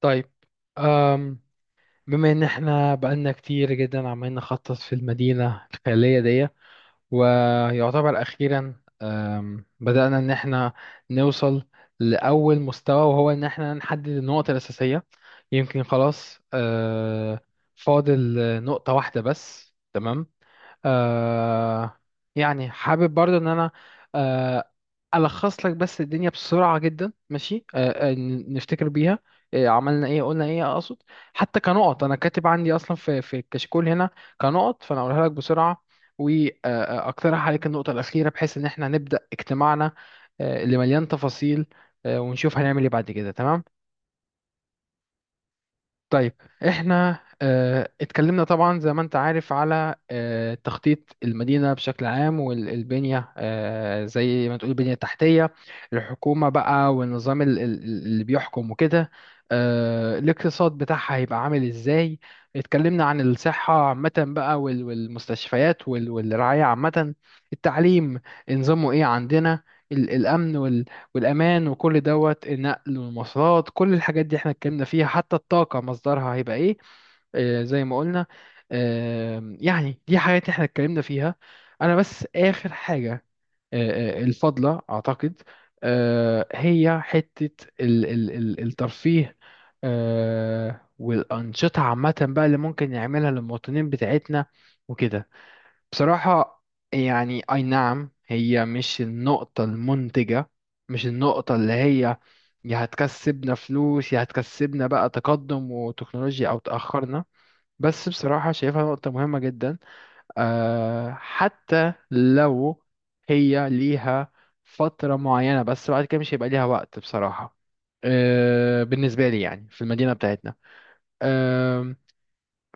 طيب. أم بما ان احنا بقالنا كتير جدا عمالين نخطط في المدينة الخيالية دي، ويعتبر أخيرا بدأنا إن احنا نوصل لأول مستوى، وهو إن احنا نحدد النقط الأساسية. يمكن خلاص فاضل نقطة واحدة بس، تمام. آه يعني حابب برضه ان انا آه الخص لك بس الدنيا بسرعه جدا، ماشي؟ نفتكر بيها، عملنا ايه قلنا ايه، اقصد حتى كنقط، انا كاتب عندي اصلا في الكشكول هنا كنقط، فانا اقولها لك بسرعه واقترح عليك النقطة الأخيرة بحيث إن احنا نبدأ اجتماعنا اللي مليان تفاصيل، ونشوف هنعمل ايه بعد كده، تمام. طيب. احنا اتكلمنا طبعا زي ما انت عارف على تخطيط المدينة بشكل عام، والبنية اه زي ما تقول البنية التحتية، الحكومة بقى والنظام اللي بيحكم وكده، الاقتصاد بتاعها هيبقى عامل ازاي. اتكلمنا عن الصحة عامة بقى والمستشفيات والرعاية عامة، التعليم نظامه ايه عندنا، الأمن والامان، وكل دوت النقل والمواصلات، كل الحاجات دي احنا اتكلمنا فيها، حتى الطاقه مصدرها هيبقى ايه، زي ما قلنا. يعني دي حاجات احنا اتكلمنا فيها. انا بس اخر حاجه، الفضله اعتقد، هي حته ال ال ال الترفيه والانشطه عامه بقى، اللي ممكن نعملها للمواطنين بتاعتنا وكده. بصراحة يعني أي نعم، هي مش النقطة المنتجة، مش النقطة اللي هي يا هتكسبنا فلوس يا هتكسبنا بقى تقدم وتكنولوجيا أو تأخرنا. بس بصراحة شايفها نقطة مهمة جدا، أه. حتى لو هي ليها فترة معينة، بس بعد كده مش هيبقى ليها وقت بصراحة، أه. بالنسبة لي يعني في المدينة بتاعتنا،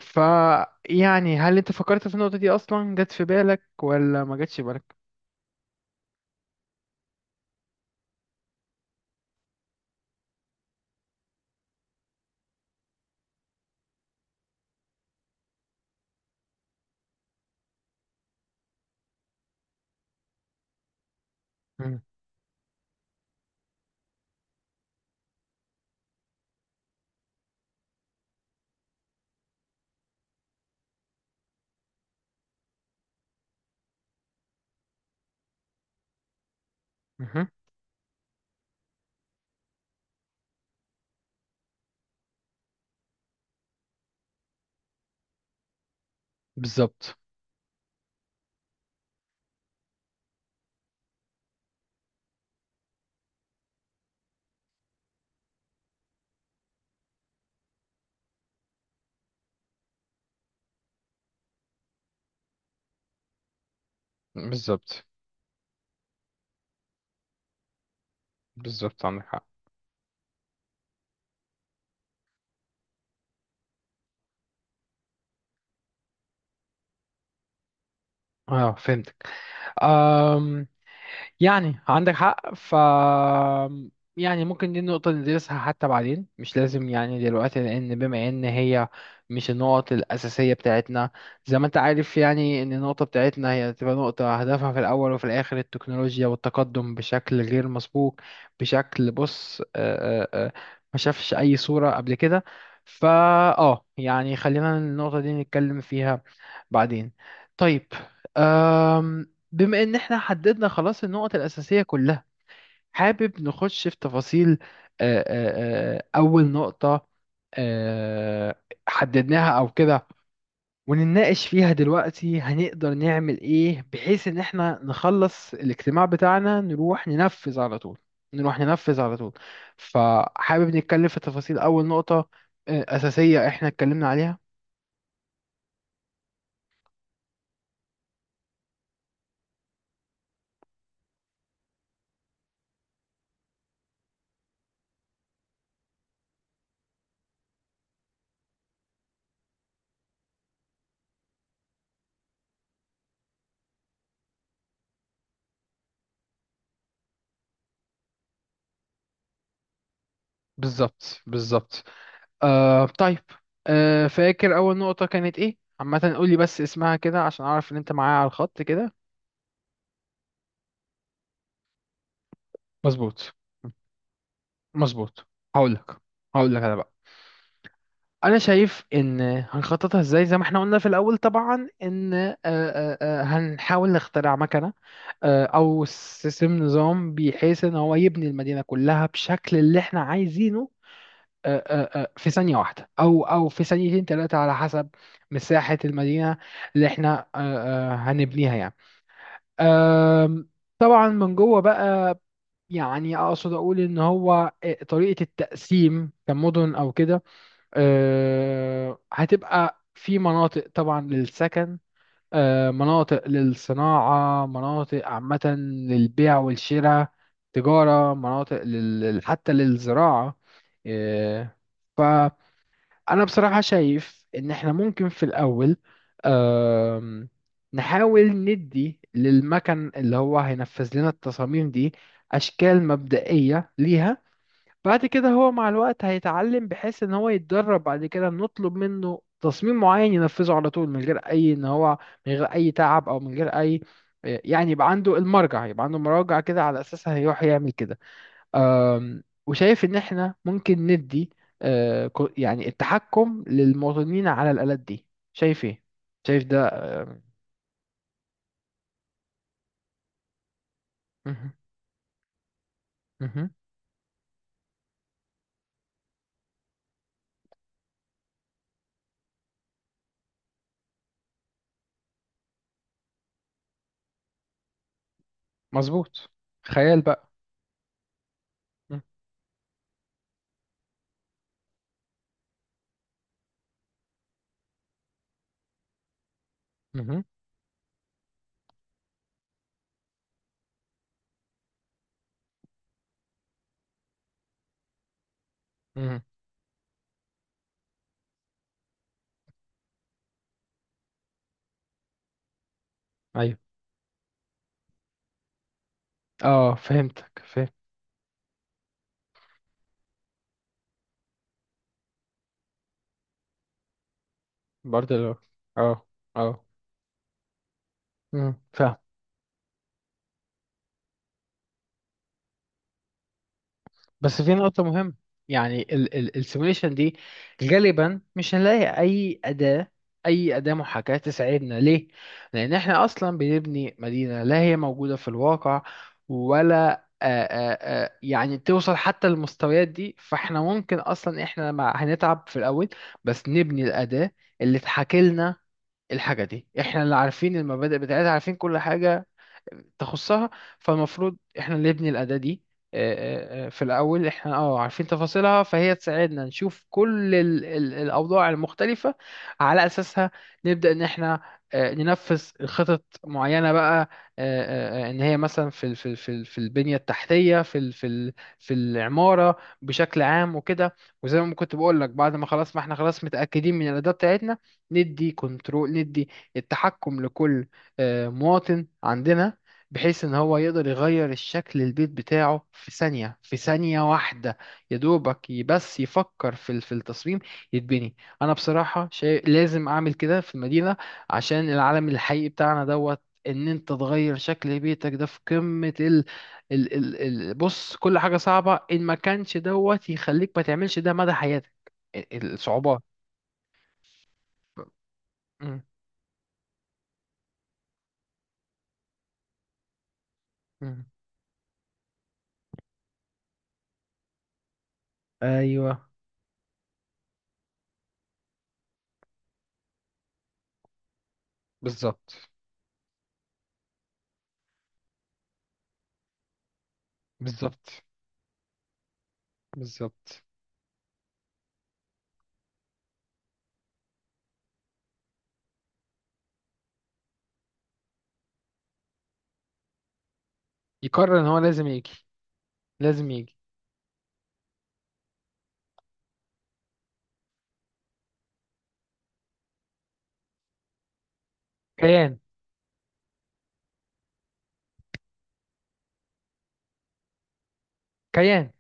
فيعني هل انت فكرت في النقطة دي اصلا، جت في بالك ولا ما جتش في بالك؟ مم. مهم. بالظبط. بالظبط. بالظبط، عندك حق. اه فهمتك. يعني عندك حق، ف يعني ممكن دي النقطة ندرسها حتى بعدين، مش لازم يعني دلوقتي، لأن بما إن هي مش النقط الأساسية بتاعتنا. زي ما أنت عارف يعني، إن النقطة بتاعتنا هي تبقى نقطة هدفها في الأول وفي الآخر التكنولوجيا والتقدم بشكل غير مسبوق، بشكل، بص، ما شافش أي صورة قبل كده. فا يعني خلينا النقطة دي نتكلم فيها بعدين. طيب، بما ان احنا حددنا خلاص النقط الاساسيه كلها، حابب نخش في تفاصيل، اول نقطه آه، حددناها او كده، ونناقش فيها دلوقتي هنقدر نعمل ايه، بحيث ان احنا نخلص الاجتماع بتاعنا، نروح ننفذ على طول، نروح ننفذ على طول. فحابب نتكلم في تفاصيل اول نقطه اساسيه احنا اتكلمنا عليها. بالظبط. بالظبط. طيب، فاكر أول نقطة كانت إيه؟ عامة قولي بس اسمها كده عشان أعرف إن أنت معايا على الخط كده. مظبوط. مظبوط. هقولك هقولك أنا بقى. أنا شايف إن هنخططها إزاي زي ما إحنا قلنا في الأول طبعا، إن هنحاول نخترع مكنة أو سيستم نظام بحيث إن هو يبني المدينة كلها بشكل اللي إحنا عايزينه، في ثانية واحدة أو في ثانيتين تلاتة على حسب مساحة المدينة اللي إحنا هنبنيها يعني. أم، طبعا من جوه بقى، يعني اقصد اقول ان هو طريقه التقسيم كمدن او كده، أه هتبقى في مناطق طبعا للسكن، أه مناطق للصناعه، مناطق عامه للبيع والشراء، تجاره، مناطق لل... حتى للزراعه، أه. ف... انا بصراحة شايف ان احنا ممكن في الاول آم، نحاول ندي للمكن اللي هو هينفذ لنا التصاميم دي اشكال مبدئية ليها. بعد كده هو مع الوقت هيتعلم، بحيث ان هو يتدرب، بعد كده نطلب منه تصميم معين ينفذه على طول من غير اي ان هو، من غير اي تعب او من غير اي، يعني يبقى عنده المرجع، يبقى عنده مراجع كده على اساسها هيروح يعمل كده. وشايف ان احنا ممكن ندي يعني التحكم للمواطنين على الآلات دي. شايف ايه؟ شايف ده؟ آم، مهم. مهم. مظبوط. خيال بقى. مهم. مهم. مهم. ايوه. اه فهمتك. فهم. برضه لو، اه، اه. مهم. فاهم. بس في نقطة مهمة، يعني السيموليشن دي غالبا مش هنلاقي أي أداة، أي أداة محاكاة تساعدنا. ليه؟ لأن إحنا أصلا بنبني مدينة لا هي موجودة في الواقع، ولا يعني توصل حتى للمستويات دي. فإحنا ممكن أصلا إحنا مع هنتعب في الأول بس نبني الأداة اللي تحاكي لنا الحاجة دي. إحنا اللي عارفين المبادئ بتاعتها، عارفين كل حاجة تخصها، فالمفروض احنا اللي نبني الأداة دي في الأول. احنا اه عارفين تفاصيلها، فهي تساعدنا نشوف كل ال ال الأوضاع المختلفة. على أساسها نبدأ إن احنا ننفذ خطط معينة بقى، إن هي مثلا في البنية التحتية، في العمارة بشكل عام وكده. وزي ما كنت بقول لك، بعد ما خلاص ما احنا خلاص متأكدين من الأداة بتاعتنا، ندي كنترول، ندي التحكم لكل مواطن عندنا، بحيث ان هو يقدر يغير الشكل البيت بتاعه في ثانية، في ثانية واحدة، يا دوبك بس يفكر في التصميم يتبني. انا بصراحة شايف لازم اعمل كده في المدينة، عشان العالم الحقيقي بتاعنا دوت ان انت تغير شكل بيتك ده في قمة ال ال ال ال بص، كل حاجة صعبة، ان ما كانش دوت يخليك ما تعملش ده مدى حياتك، الصعوبات. مم. مم. ايوه. بالظبط. بالظبط. بالظبط. يقرر ان هو لازم يجي. لازم يجي. كيان. كيان.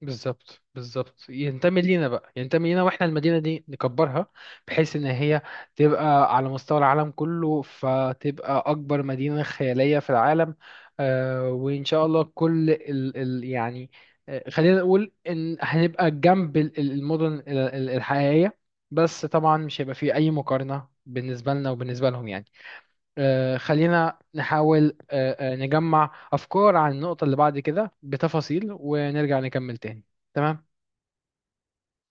بالظبط. بالظبط، ينتمي لينا بقى، ينتمي لينا، واحنا المدينة دي نكبرها بحيث ان هي تبقى على مستوى العالم كله، فتبقى اكبر مدينة خيالية في العالم. وان شاء الله كل ال ال يعني، خلينا نقول ان هنبقى جنب المدن الحقيقية، بس طبعا مش هيبقى فيه اي مقارنة بالنسبة لنا وبالنسبة لهم يعني. خلينا نحاول نجمع أفكار عن النقطة اللي بعد كده بتفاصيل ونرجع نكمل تاني. تمام.